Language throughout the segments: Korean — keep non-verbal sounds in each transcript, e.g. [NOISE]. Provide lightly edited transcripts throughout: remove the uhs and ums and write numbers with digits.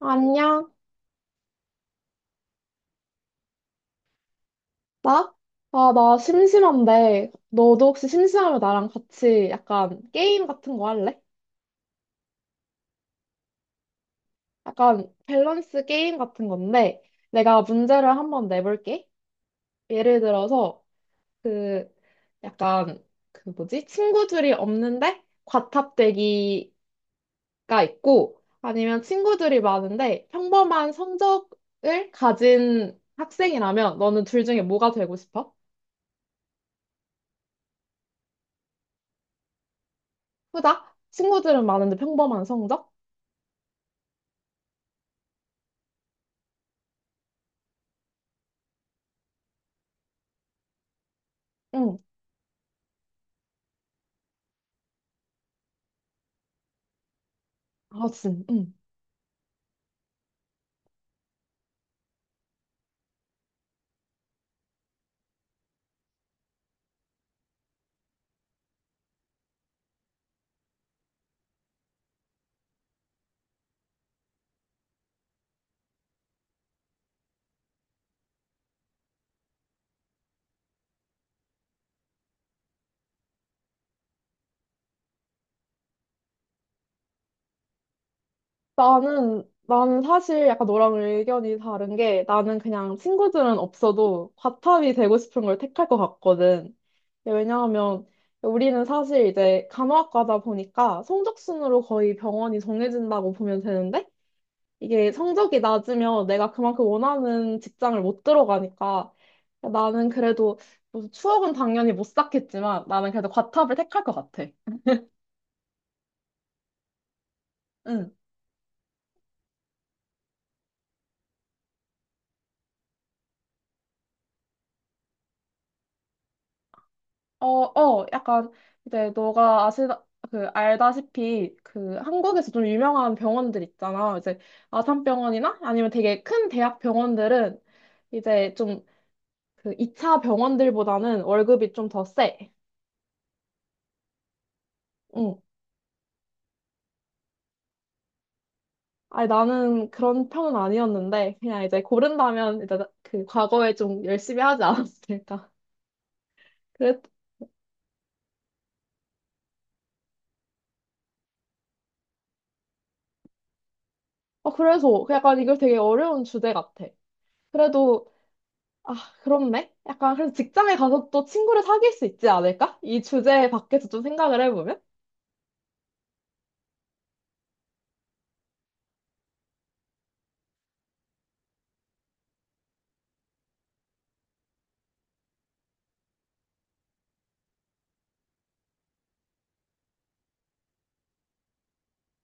안녕? 나? 아, 나 심심한데, 너도 혹시 심심하면 나랑 같이 약간 게임 같은 거 할래? 약간 밸런스 게임 같은 건데, 내가 문제를 한번 내볼게. 예를 들어서, 그, 약간, 그 뭐지? 친구들이 없는데, 과탑되기가 있고, 아니면 친구들이 많은데, 평범한 성적을 가진 학생이라면, 너는 둘 중에 뭐가 되고 싶어? 후자? 친구들은 많은데 평범한 성적? 응. 아, 응. 나는 사실 약간 너랑 의견이 다른 게 나는 그냥 친구들은 없어도 과탑이 되고 싶은 걸 택할 것 같거든. 왜냐하면 우리는 사실 이제 간호학과다 보니까 성적순으로 거의 병원이 정해진다고 보면 되는데 이게 성적이 낮으면 내가 그만큼 원하는 직장을 못 들어가니까 나는 그래도 뭐 추억은 당연히 못 쌓겠지만 나는 그래도 과탑을 택할 것 같아. 응. 약간 이제 너가 그 알다시피 그 한국에서 좀 유명한 병원들 있잖아. 이제 아산병원이나 아니면 되게 큰 대학 병원들은 이제 좀 그 2차 병원들보다는 월급이 좀 더 세. 응. 아니 나는 그런 편은 아니었는데 그냥 이제 고른다면 이제 그 과거에 좀 열심히 하지 않았을까. 그랬, 어, 그래서 약간 이거 되게 어려운 주제 같아. 그래도 아, 그렇네. 약간 그래서 직장에 가서 또 친구를 사귈 수 있지 않을까? 이 주제 밖에서 좀 생각을 해보면?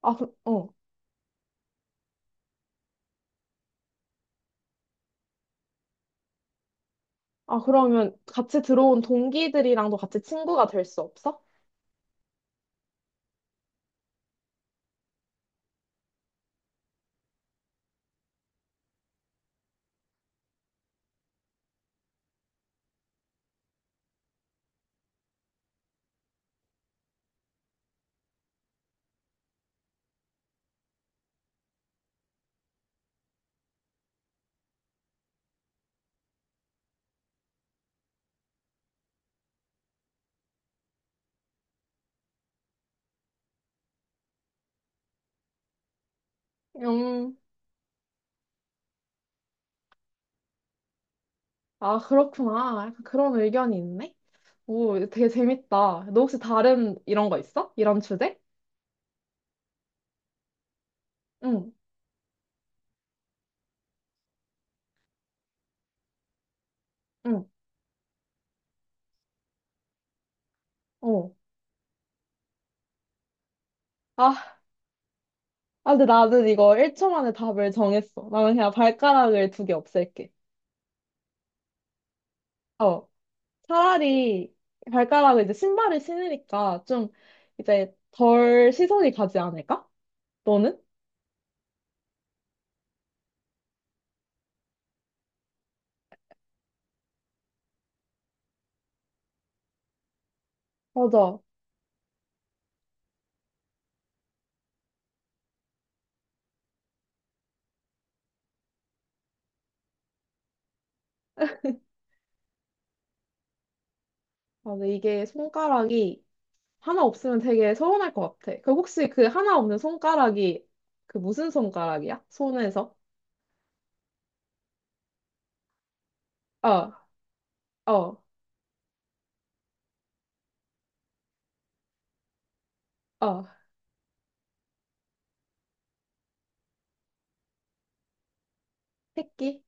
아, 그, 어. 아, 그러면 같이 들어온 동기들이랑도 같이 친구가 될 수 없어? 음, 아, 그렇구나. 약간 그런 의견이 있네. 오, 되게 재밌다. 너 혹시 다른 이런 거 있어? 이런 주제? 응, 응, 어. 아, 아, 근데 나는 이거 1초 만에 답을 정했어. 나는 그냥 발가락을 두 개 없앨게. 어. 차라리 발가락을 이제 신발을 신으니까 좀 이제 덜 시선이 가지 않을까? 너는? 맞아. 맞아. 이게 손가락이 하나 없으면 되게 서운할 것 같아. 그 혹시 그 하나 없는 손가락이 그 무슨 손가락이야? 손에서? 어, 어, 어. 새끼?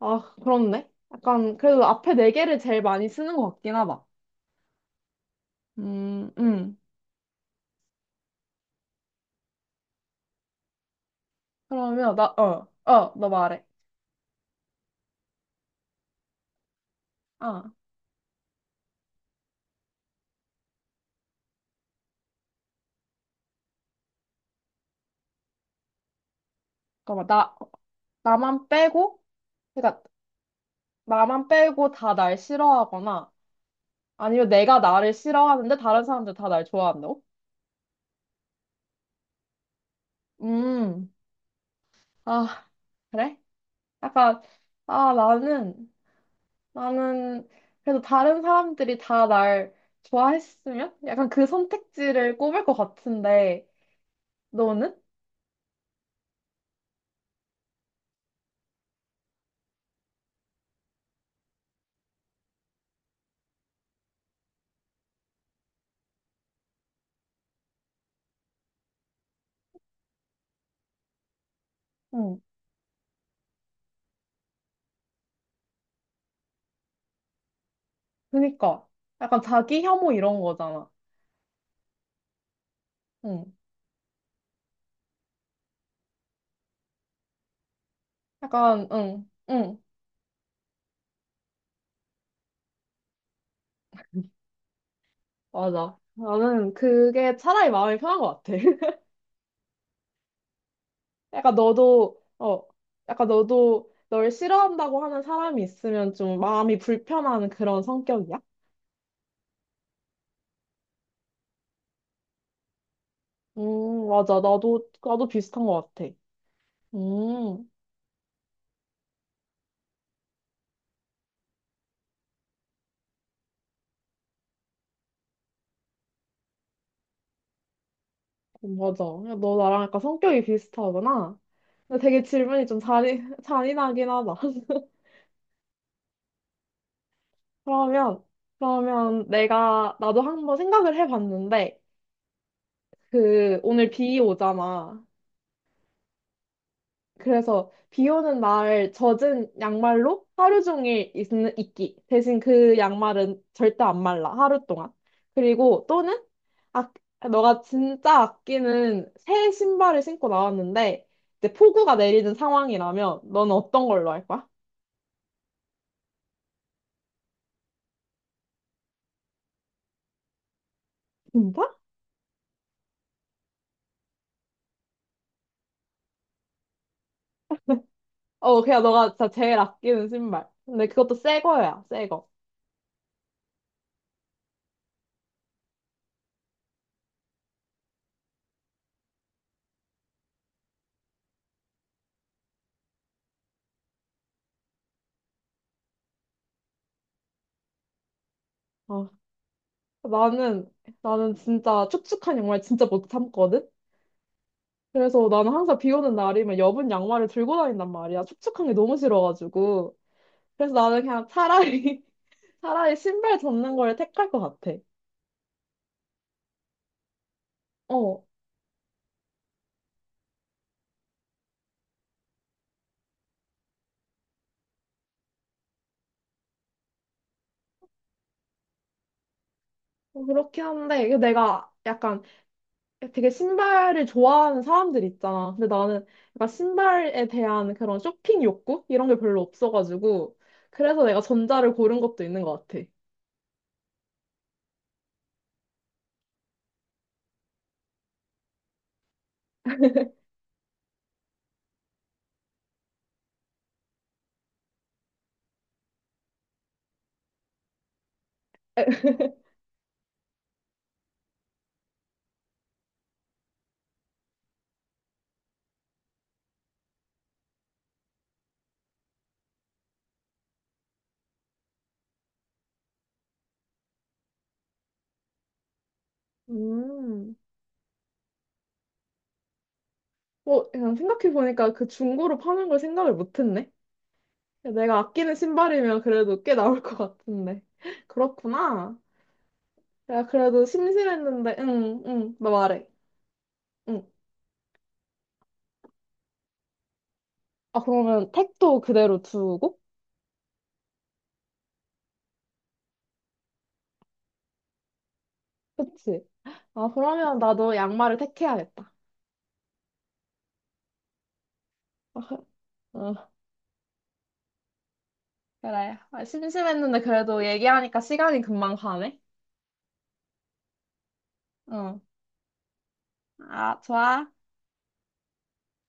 아, 그렇네. 약간 그래도 앞에 네 개를 제일 많이 쓰는 것 같긴 하다. 음, 음. 그러면 나, 어, 어, 너 말해. 아, 잠깐만. 나만 빼고? 그러니까 나만 빼고 다 날 싫어하거나 아니면 내가 나를 싫어하는데 다른 사람들 다 날 좋아한다고? 음, 아, 그래? 약간, 아, 나는 그래도 다른 사람들이 다 날 좋아했으면? 약간 그 선택지를 꼽을 것 같은데, 너는? 응, 그니까. 약간 자기 혐오 이런 거잖아. 응, 약간, 응, 응, 맞아. 나는 그게 차라리 마음이 편한 것 같아. 약간 너도, 어, 약간 너도 널 싫어한다고 하는 사람이 있으면 좀 마음이 불편한 그런 성격이야? 맞아. 나도 비슷한 것 같아. 음, 맞아. 야, 너 나랑 약간 성격이 비슷하구나. 근데 되게 질문이 좀 잔인, [LAUGHS] 잔인하긴 하다. [LAUGHS] 그러면, 그러면 내가, 나도 한번 생각을 해봤는데, 그, 오늘 비 오잖아. 그래서 비 오는 날 젖은 양말로 하루 종일 있기. 대신 그 양말은 절대 안 말라, 하루 동안. 그리고 또는, 아, 너가 진짜 아끼는 새 신발을 신고 나왔는데, 이제 폭우가 내리는 상황이라면, 넌 어떤 걸로 할 거야? 진짜? 어, 그냥 너가 진짜 제일 아끼는 신발. 근데 그것도 새 거야, 새 거. 어, 나는, 나는 진짜 축축한 양말 진짜 못 참거든? 그래서 나는 항상 비 오는 날이면 여분 양말을 들고 다닌단 말이야. 축축한 게 너무 싫어가지고. 그래서 나는 그냥 차라리, [LAUGHS] 차라리 신발 접는 걸 택할 것 같아. 어, 그렇긴 한데, 이게 내가 약간 되게 신발을 좋아하는 사람들 있잖아. 근데 나는 약간 신발에 대한 그런 쇼핑 욕구? 이런 게 별로 없어가지고. 그래서 내가 전자를 고른 것도 있는 것 같아. 음. 뭐, 그냥 생각해보니까 그 중고로 파는 걸 생각을 못했네. 내가 아끼는 신발이면 그래도 꽤 나올 것 같은데. [LAUGHS] 그렇구나. 내가 그래도 심심했는데, 응, 응, 너 말해. 응. 아, 그러면 택도 그대로 두고? 그치? 아, 그러면 나도 양말을 택해야겠다. 아, 어, 그래. 아, 심심했는데 그래도 얘기하니까 시간이 금방 가네. 응. 아, 좋아.